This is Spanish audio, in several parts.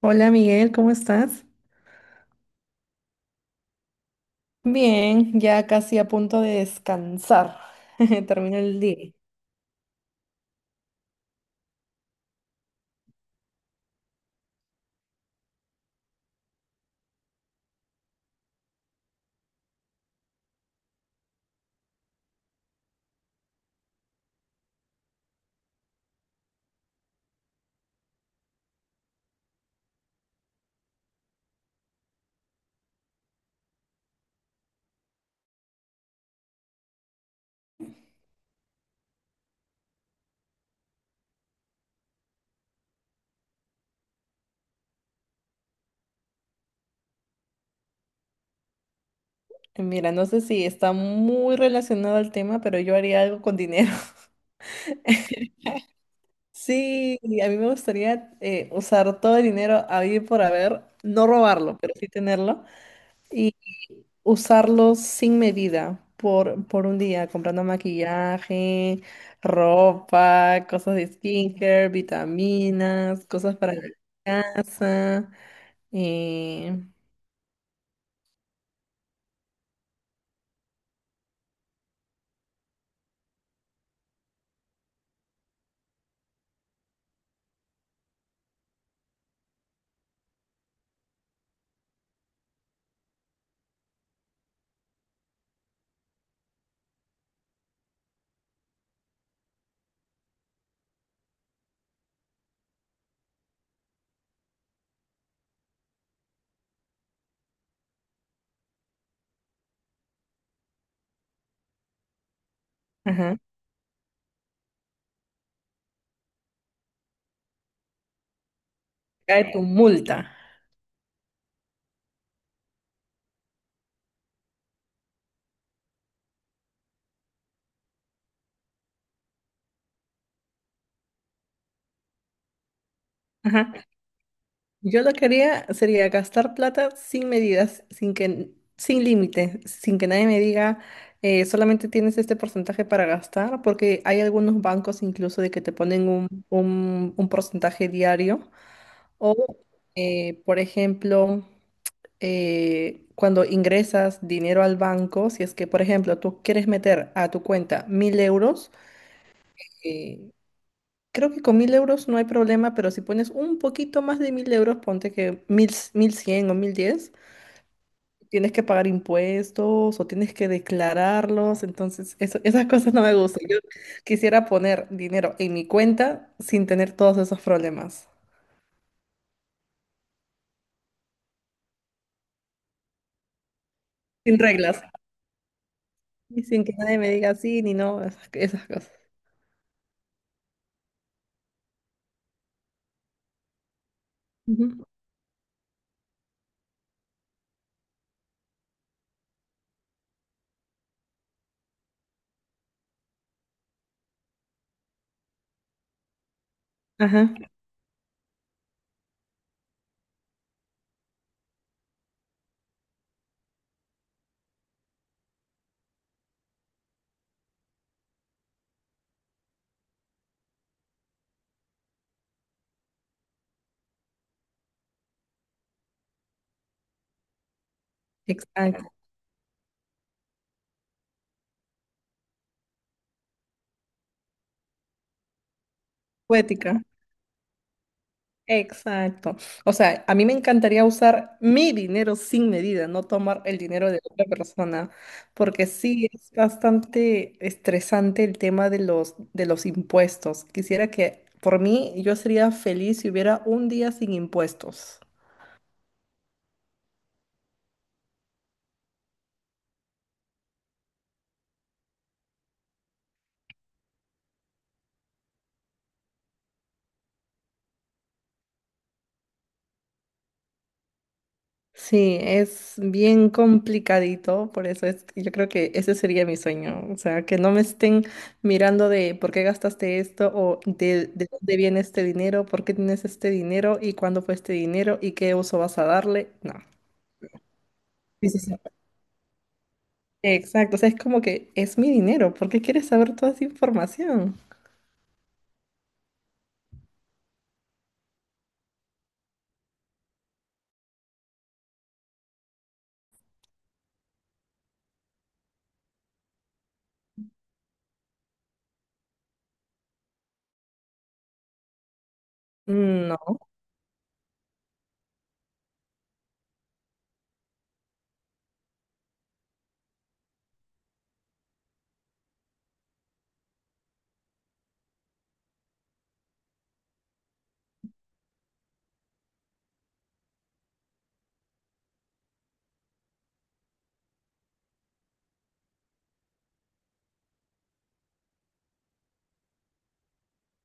Hola Miguel, ¿cómo estás? Bien, ya casi a punto de descansar. Termino el día. Mira, no sé si está muy relacionado al tema, pero yo haría algo con dinero. Sí, y a mí me gustaría usar todo el dinero habido y por haber, no robarlo, pero sí tenerlo, y usarlo sin medida por un día, comprando maquillaje, ropa, cosas de skincare, vitaminas, cosas para la casa. eh, ajá, cae tu multa. Ajá. Yo lo que haría sería gastar plata sin medidas, sin límite, sin que nadie me diga, solamente tienes este porcentaje para gastar, porque hay algunos bancos incluso de que te ponen un porcentaje diario. O, por ejemplo, cuando ingresas dinero al banco, si es que, por ejemplo, tú quieres meter a tu cuenta 1.000 euros. eh, Creo que con 1.000 euros no hay problema, pero si pones un poquito más de 1.000 euros, ponte que 1.100 o 1.010, tienes que pagar impuestos o tienes que declararlos. Entonces, esas cosas no me gustan. Yo quisiera poner dinero en mi cuenta sin tener todos esos problemas, sin reglas y sin que nadie me diga sí ni no, esas, esas cosas. Ujú. Ajá, exacto. Poética. Exacto. O sea, a mí me encantaría usar mi dinero sin medida, no tomar el dinero de otra persona, porque sí es bastante estresante el tema de los impuestos. Quisiera que, por mí, yo sería feliz si hubiera un día sin impuestos. Sí, es bien complicadito, por eso es, yo creo que ese sería mi sueño, o sea, que no me estén mirando de por qué gastaste esto o de dónde viene este dinero, por qué tienes este dinero y cuándo fue este dinero y qué uso vas a darle, no. Sí, sí, sí. Exacto, o sea, es como que es mi dinero, ¿por qué quieres saber toda esa información? Mm, no.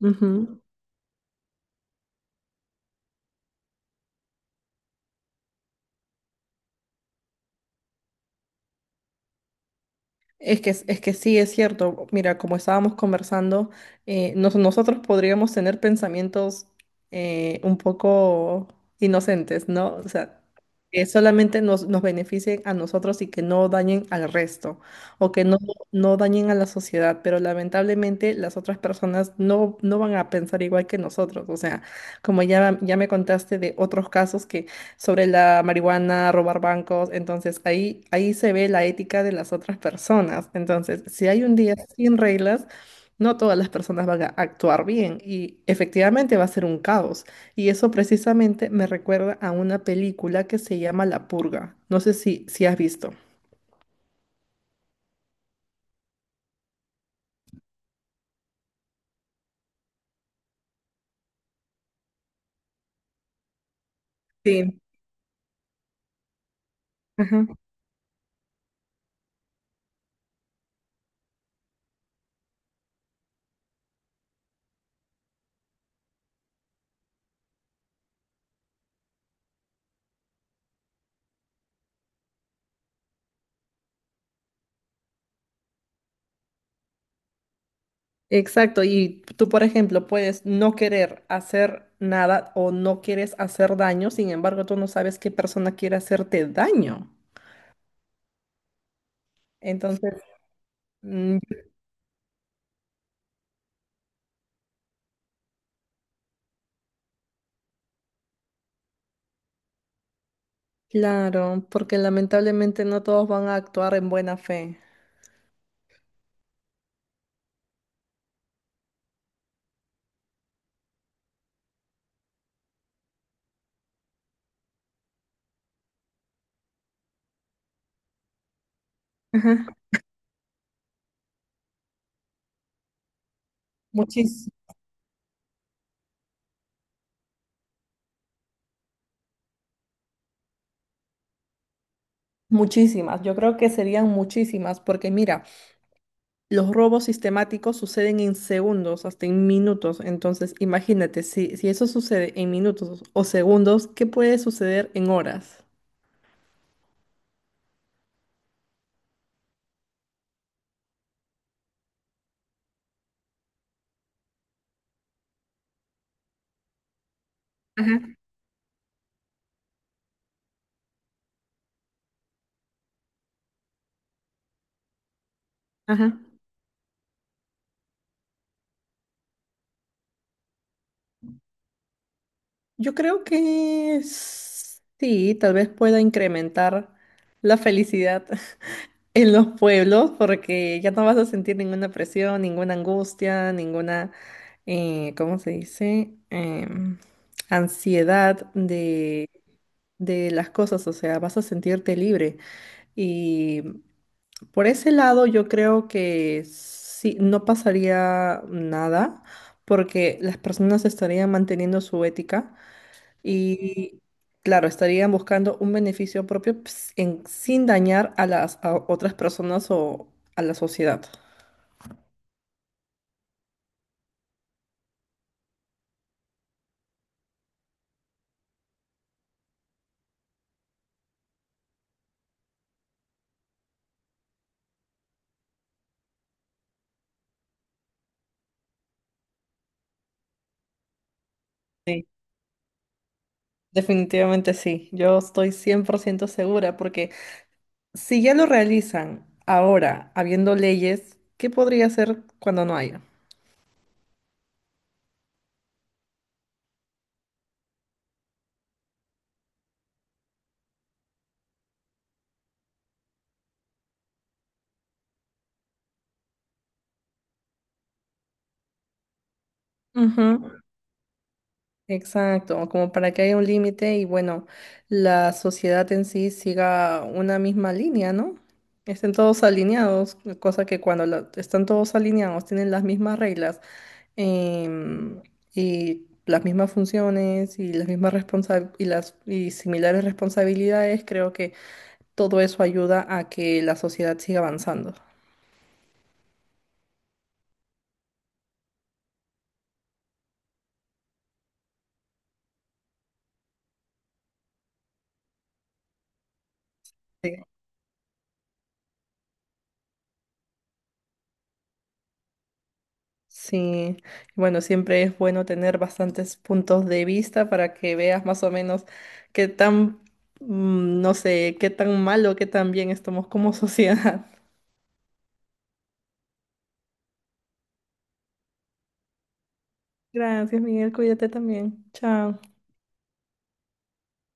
Ujú. Es que sí, es cierto. Mira, como estábamos conversando, nosotros podríamos tener pensamientos un poco inocentes, ¿no? O sea, que solamente nos beneficien a nosotros y que no dañen al resto o que no, no dañen a la sociedad, pero lamentablemente las otras personas no, no van a pensar igual que nosotros. O sea, como ya me contaste de otros casos sobre la marihuana, robar bancos. Entonces ahí se ve la ética de las otras personas. Entonces, si hay un día sin reglas, no todas las personas van a actuar bien y efectivamente va a ser un caos. Y eso precisamente me recuerda a una película que se llama La Purga. No sé si has visto. Sí. Ajá, exacto, y tú, por ejemplo, puedes no querer hacer nada o no quieres hacer daño, sin embargo, tú no sabes qué persona quiere hacerte daño. Entonces, mm, claro, porque lamentablemente no todos van a actuar en buena fe. Ajá. Muchis- muchísimas, yo creo que serían muchísimas, porque mira, los robos sistemáticos suceden en segundos, hasta en minutos. Entonces, imagínate, si eso sucede en minutos o segundos, ¿qué puede suceder en horas? Ajá, ajá. Yo creo que sí, tal vez pueda incrementar la felicidad en los pueblos porque ya no vas a sentir ninguna presión, ninguna angustia, ninguna, ¿cómo se dice? Ansiedad de las cosas, o sea, vas a sentirte libre. Y por ese lado yo creo que sí, no pasaría nada porque las personas estarían manteniendo su ética. Y claro, estarían buscando un beneficio propio ps, sin dañar a las a otras personas o a la sociedad. Sí, definitivamente sí. Yo estoy 100% segura porque si ya lo realizan ahora, habiendo leyes, ¿qué podría hacer cuando no haya? Ujú. Exacto, como para que haya un límite y bueno, la sociedad en sí siga una misma línea, ¿no? Estén todos alineados, cosa que cuando están todos alineados tienen las mismas reglas, em, y las mismas funciones y las mismas y similares responsabilidades, creo que todo eso ayuda a que la sociedad siga avanzando. Sí. Sí, bueno, siempre es bueno tener bastantes puntos de vista para que veas más o menos qué tan, no sé, qué tan malo, qué tan bien estamos como sociedad. Gracias, Miguel, cuídate también. Chao.